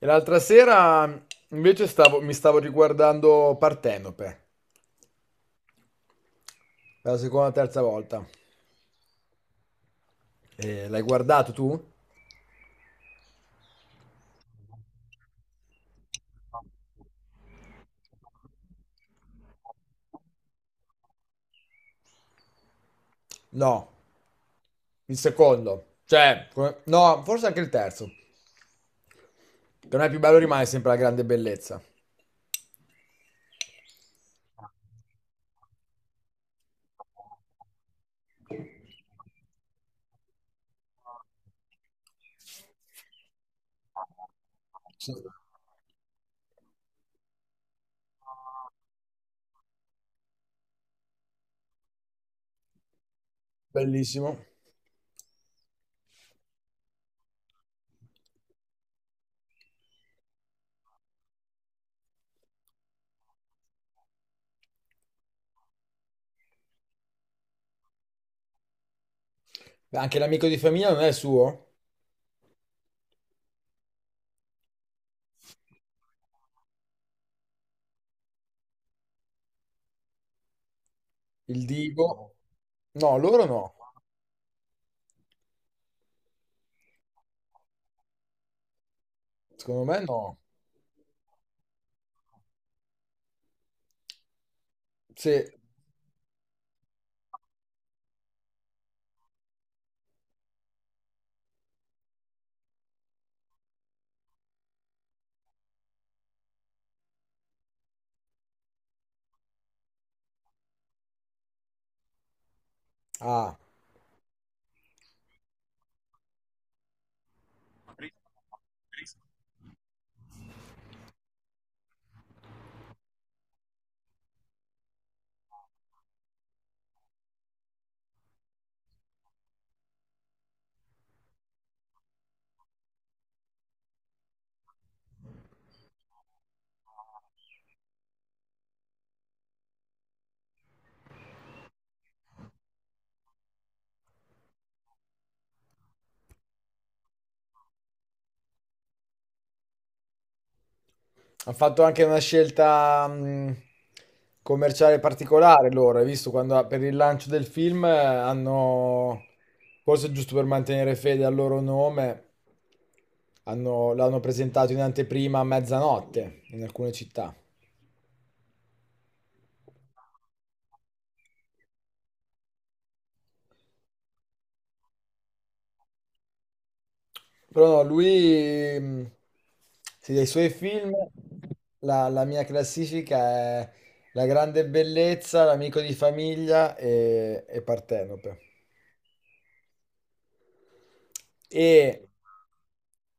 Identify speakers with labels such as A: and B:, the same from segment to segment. A: E l'altra sera invece mi stavo riguardando Partenope, per la seconda o terza volta. E l'hai guardato tu? No, il secondo. Cioè, no, forse anche il terzo. Per me il più bello rimane sempre La grande bellezza. Sì. Bellissimo. Beh, anche L'amico di famiglia non è suo? Il Divo? No, loro no. Secondo me no. Sì. Ah. Ha fatto anche una scelta commerciale particolare loro. Hai visto quando per il lancio del film hanno, forse giusto per mantenere fede al loro nome, l'hanno presentato in anteprima a mezzanotte in alcune città. Però no, lui, sì, dei suoi film, la mia classifica è La grande bellezza, L'amico di famiglia e Partenope. E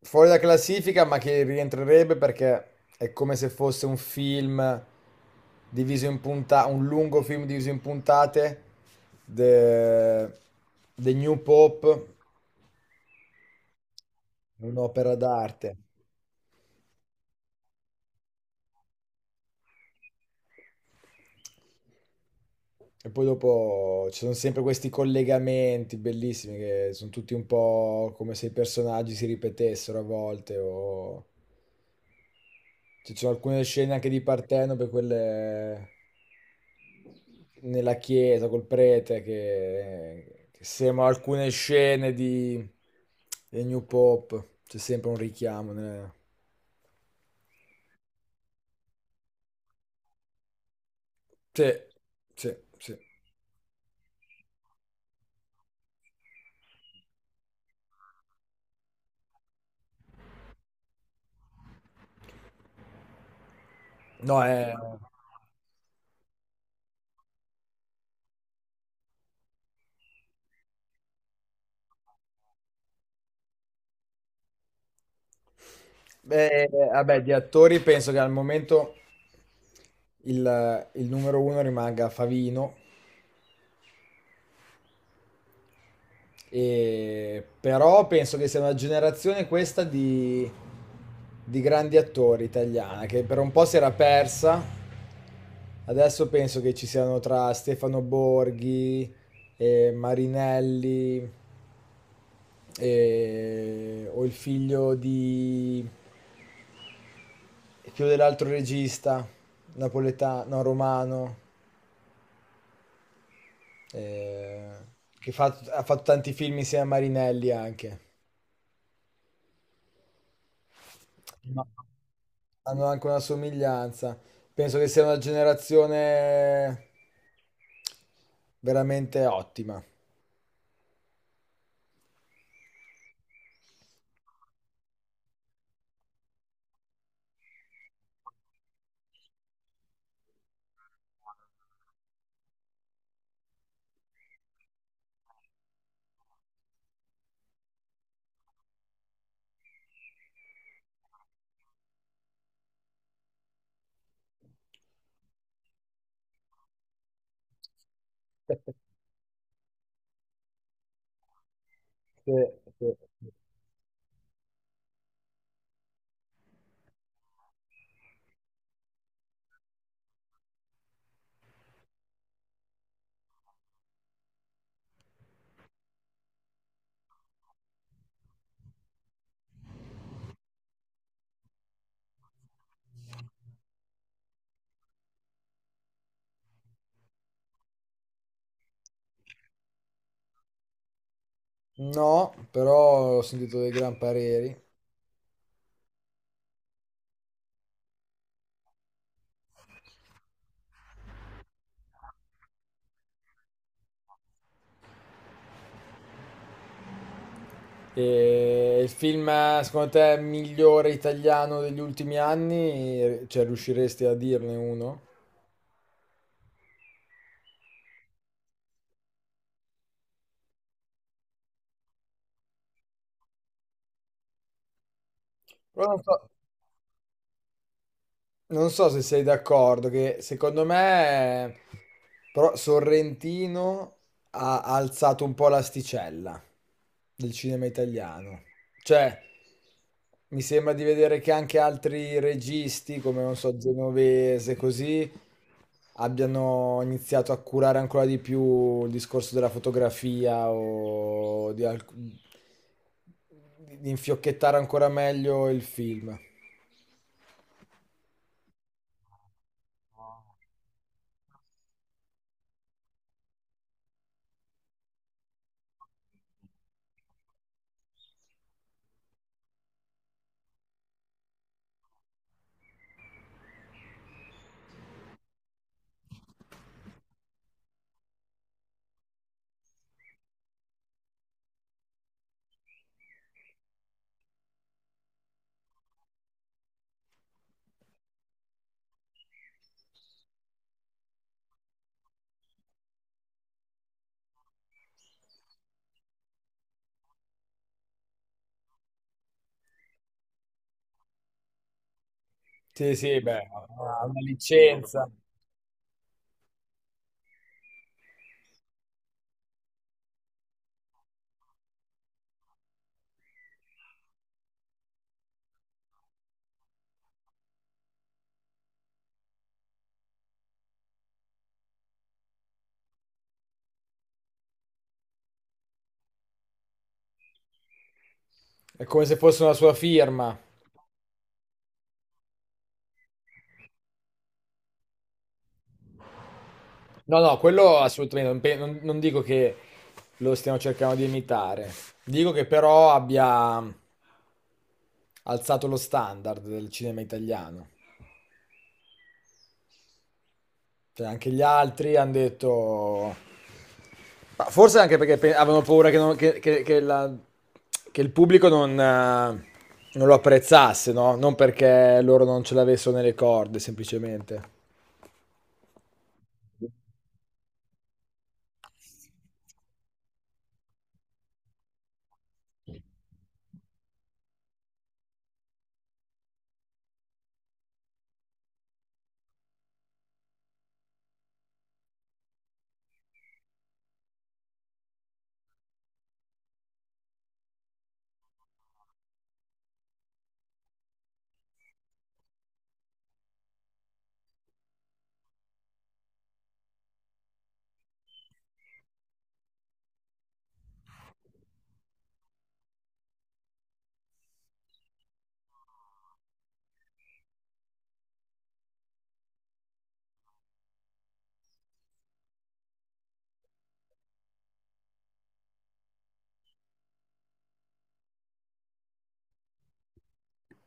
A: fuori da classifica, ma che rientrerebbe perché è come se fosse un film diviso in puntate, un lungo film diviso in puntate, The, The New Pope, un'opera d'arte. E poi dopo ci sono sempre questi collegamenti bellissimi che sono tutti un po' come se i personaggi si ripetessero a volte o... Ci sono alcune scene anche di Partenope, quelle nella chiesa col prete, che sembrano alcune scene di, del New Pop. C'è sempre un richiamo. Sì, sì, sì. No, è... Beh, vabbè, di attori penso che al momento il numero uno rimanga Favino. Però penso che sia una generazione questa di grandi attori italiana che per un po' si era persa. Adesso penso che ci siano tra Stefano Borghi e Marinelli o il figlio di quello dell'altro regista napoletano, no, romano, eh, ha fatto tanti film insieme a Marinelli anche. Hanno anche una somiglianza. Penso che sia una generazione veramente ottima. Sì, sì. No, però ho sentito dei gran pareri. E il film, secondo te, migliore italiano degli ultimi anni? Cioè, riusciresti a dirne uno? Però non so, non so se sei d'accordo, che secondo me però Sorrentino ha alzato un po' l'asticella del cinema italiano. Cioè, mi sembra di vedere che anche altri registi, come non so, Genovese, così, abbiano iniziato a curare ancora di più il discorso della fotografia o di, di infiocchettare ancora meglio il film. Sì, sì, beh, ha una licenza, è come se fosse una sua firma. No, no, quello assolutamente, non, non dico che lo stiamo cercando di imitare, dico che però abbia alzato lo standard del cinema italiano. Cioè, anche gli altri hanno detto... Ma forse anche perché avevano paura che, che la-, che il pubblico non, non lo apprezzasse, no? Non perché loro non ce l'avessero nelle corde, semplicemente.